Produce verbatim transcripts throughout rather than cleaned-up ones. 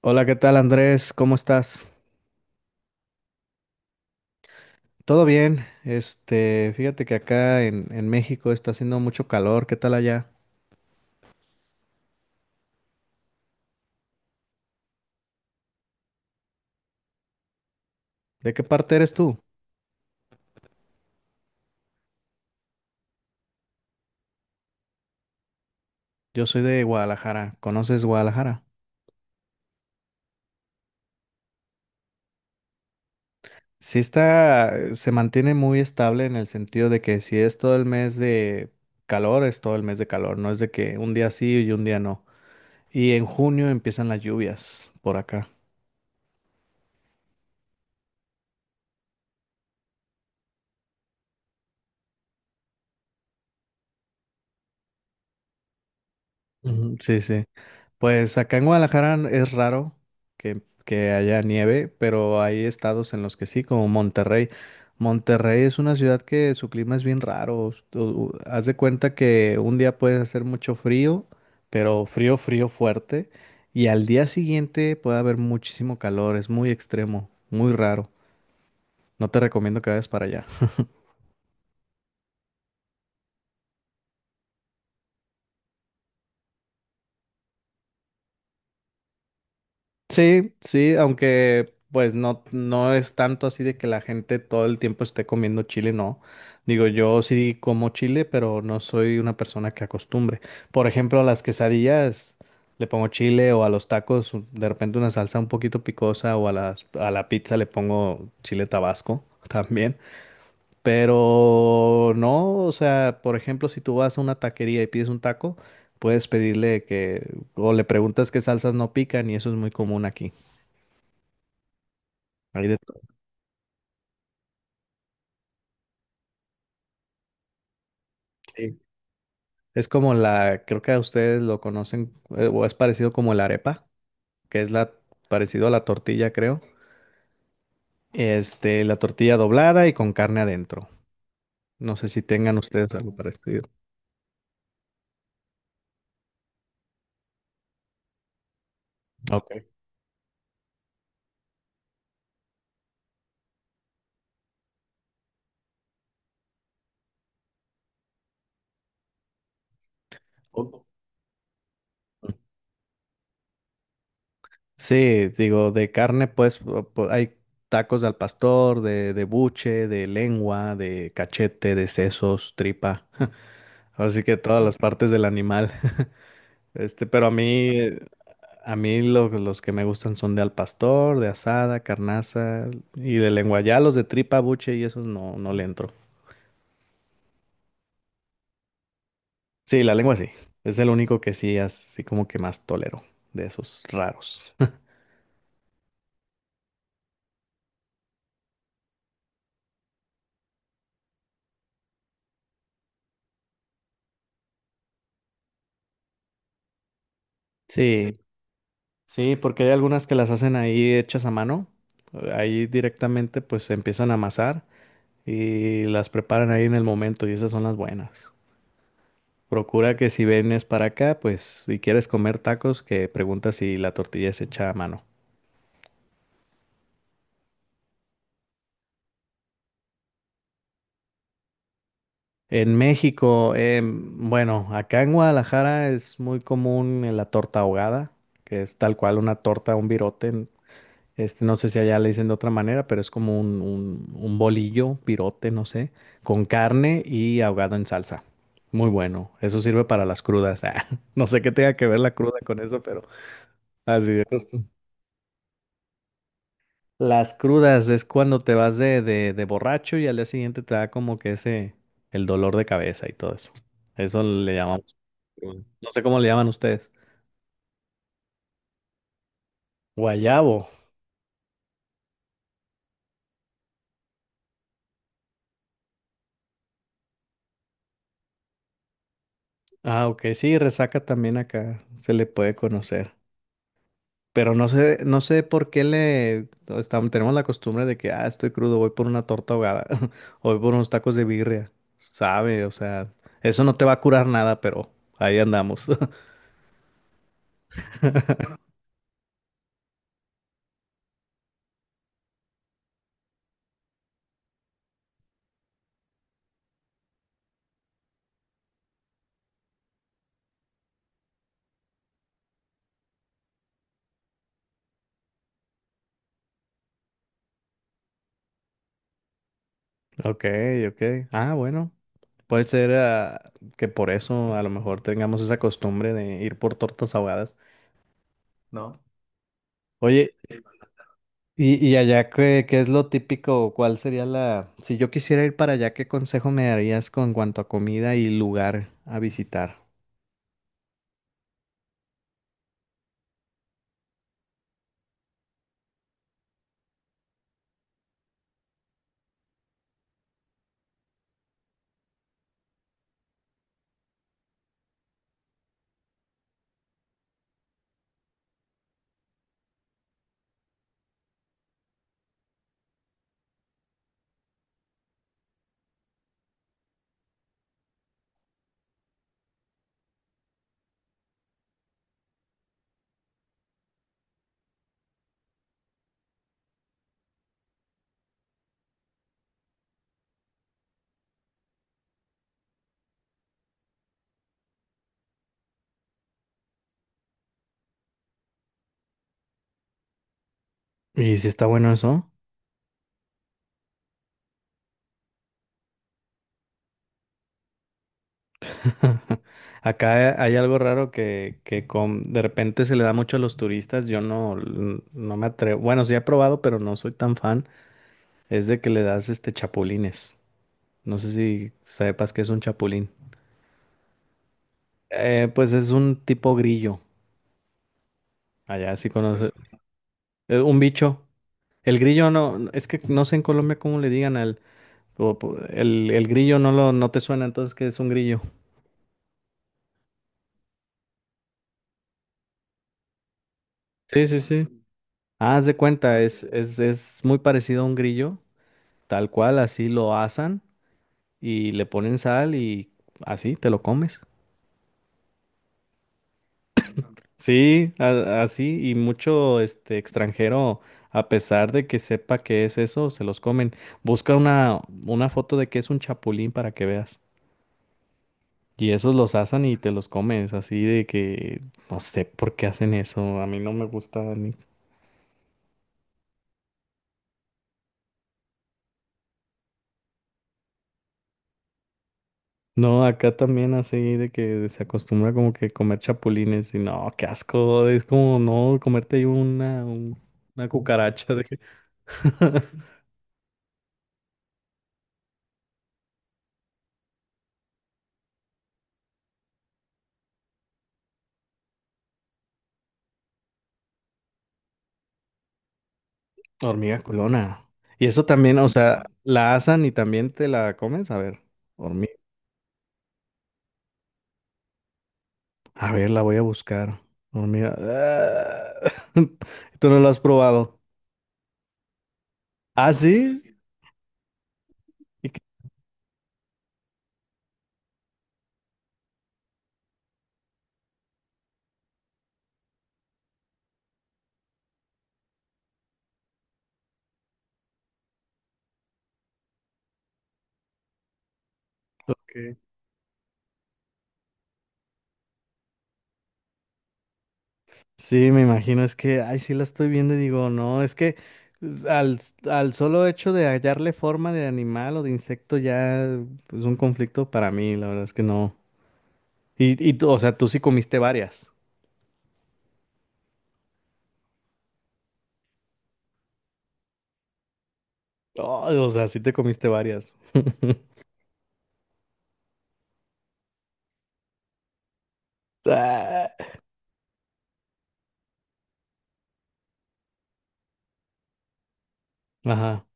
Hola, ¿qué tal Andrés? ¿Cómo estás? ¿Todo bien? Este, fíjate que acá en, en México está haciendo mucho calor. ¿Qué tal allá? ¿De qué parte eres tú? Yo soy de Guadalajara. ¿Conoces Guadalajara? Sí está, eh, se mantiene muy estable en el sentido de que si es todo el mes de calor, es todo el mes de calor. No es de que un día sí y un día no. Y en junio empiezan las lluvias por acá. Ujú. Sí, sí. Pues acá en Guadalajara es raro que, que haya nieve, pero hay estados en los que sí, como Monterrey. Monterrey es una ciudad que su clima es bien raro. Tú haz de cuenta que un día puedes hacer mucho frío, pero frío, frío fuerte, y al día siguiente puede haber muchísimo calor. Es muy extremo, muy raro. No te recomiendo que vayas para allá. Sí, sí, aunque pues no, no es tanto así de que la gente todo el tiempo esté comiendo chile, no. Digo, yo sí como chile, pero no soy una persona que acostumbre. Por ejemplo, a las quesadillas le pongo chile, o a los tacos un- de repente una salsa un poquito picosa, o a las, a la pizza le pongo chile tabasco también. Pero no, o sea, por ejemplo, si tú vas a una taquería y pides un taco, puedes pedirle que, o le preguntas qué salsas no pican, y eso es muy común aquí. Hay de todo. Sí. Es como la, creo que a ustedes lo conocen, eh, o es parecido como la arepa, que es la, parecido a la tortilla, creo. Este, la tortilla doblada y con carne adentro. No sé si tengan ustedes algo parecido. Ok. O- Sí, digo, de carne, pues, o- po- hay tacos al pastor, de, de buche, de lengua, de cachete, de sesos, tripa. Así que todas las partes del animal. Este, pero a mí, a mí lo- los que me gustan son de al pastor, de asada, carnaza y de lengua. Ya los de tripa, buche y esos no, no le entro. Sí, la lengua sí. Es el único que sí, así como que más tolero de esos raros. Sí, sí, porque hay algunas que las hacen ahí hechas a mano. Ahí directamente pues se empiezan a amasar y las preparan ahí en el momento, y esas son las buenas. Procura que si vienes para acá, pues si quieres comer tacos, que preguntas si la tortilla es hecha a mano. En México, em, bueno, acá en Guadalajara es muy común eh, la torta ahogada, que es tal cual una torta, un virote. en- Este, no sé si allá le dicen de otra manera, pero es como un, un, un bolillo, virote, no sé, con carne y ahogado en salsa. Muy bueno. Eso sirve para las crudas. Ah, no sé qué tenga que ver la cruda con eso, pero así de costumbre. Las crudas es cuando te vas de, de, de borracho, y al día siguiente te da como que ese, el dolor de cabeza y todo eso. Eso le llamamos cruda. No sé cómo le llaman ustedes. Guayabo. Ah, ok, sí, resaca también acá se le puede conocer. Pero no sé, no sé por qué le estamos, tenemos la costumbre de que, ah, estoy crudo, voy por una torta ahogada, o voy por unos tacos de birria. Sabe, o sea, eso no te va a curar nada, pero ahí andamos. Ok, ok. Ah, bueno. Puede ser, ah, que por eso a lo mejor tengamos esa costumbre de ir por tortas ahogadas, ¿no? Oye, y, y allá ¿qué, qué es lo típico? O ¿cuál sería la...? Si yo quisiera ir para allá, ¿qué consejo me darías con cuanto a comida y lugar a visitar? ¿Y si está bueno eso? Acá hay algo raro que, que com- de repente se le da mucho a los turistas. Yo no, no me atrevo. Bueno, sí he probado, pero no soy tan fan. Es de que le das este chapulines. No sé si sepas que es un chapulín. Eh, pues es un tipo grillo. Allá sí conoce. Eh, un bicho. El grillo no, no- es que no sé en Colombia cómo le digan al, o po- el, el grillo no lo, no te suena, entonces que es un grillo. Sí, sí, sí. Ah, haz de cuenta, es, es, es muy parecido a un grillo, tal cual, así lo asan y le ponen sal, y así te lo comes. Sí, a- así, y mucho este extranjero, a pesar de que sepa que es eso, se los comen. Busca una, una foto de que es un chapulín para que veas. Y esos los asan y te los comes, así de que no sé por qué hacen eso, a mí no me gusta ni. No, acá también así de que se acostumbra como que comer chapulines, y no, qué asco, es como no comerte una, un- una cucaracha de que hormiga culona. Y eso también, o sea, la asan y también te la comes. A ver, hormiga. A ver, la voy a buscar. Hormiga. Ah, tú no lo has probado. ¿Ah, sí? ¿Y qué- qué? Sí, me imagino. Es que, ay, sí la estoy viendo y digo, no, es que pues, al, al solo hecho de hallarle forma de animal o de insecto ya es un conflicto para mí. La verdad es que no. Y, y tú, o sea, tú sí comiste varias. Oh, o sea, sí te comiste varias. Ajá.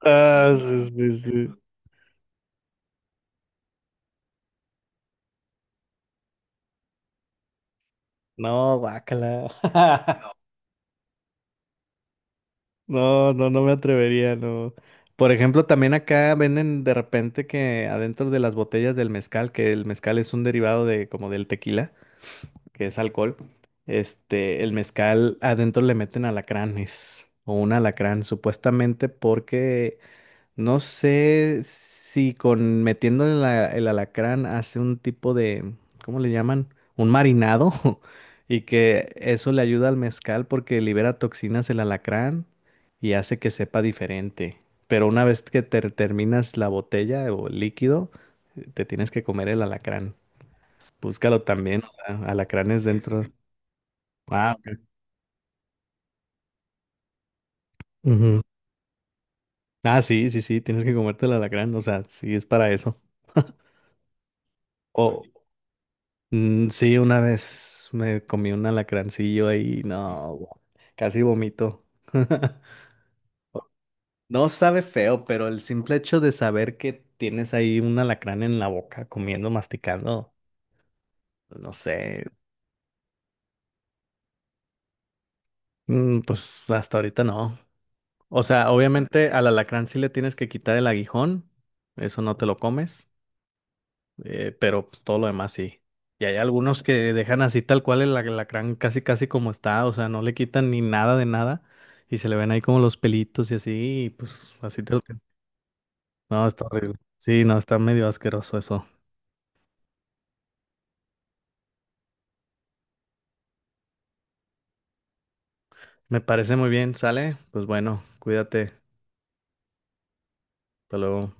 Ah, sí, sí, sí. No, guácala. No, no, no me atrevería, no. Por ejemplo, también acá venden de repente que adentro de las botellas del mezcal, que el mezcal es un derivado de como del tequila, que es alcohol, este, el mezcal adentro le meten alacranes, o un alacrán, supuestamente porque no sé si con metiéndole la- el alacrán hace un tipo de, ¿cómo le llaman? Un marinado, y que eso le ayuda al mezcal porque libera toxinas el alacrán y hace que sepa diferente. Pero una vez que te terminas la botella o el líquido, te tienes que comer el alacrán. Búscalo también, o sea, alacranes dentro. Ah, ok. Ujú. Ah, sí, sí, sí, tienes que comerte el alacrán, o sea, sí es para eso. O mm, sí, una vez me comí un alacrancillo ahí, no, gu- casi vomito. No sabe feo, pero el simple hecho de saber que tienes ahí un alacrán en la boca, comiendo, masticando, no sé, mm, pues hasta ahorita no. O sea, obviamente al alacrán sí le tienes que quitar el aguijón, eso no te lo comes. Eh, pero pues, todo lo demás sí. Y hay algunos que dejan así tal cual el alacrán casi casi como está, o sea, no le quitan ni nada de nada, y se le ven ahí como los pelitos y así, y pues así te lo... ten- No, está horrible. Sí, no, está medio asqueroso eso. Me parece muy bien, ¿sale? Pues bueno, cuídate. Hasta luego.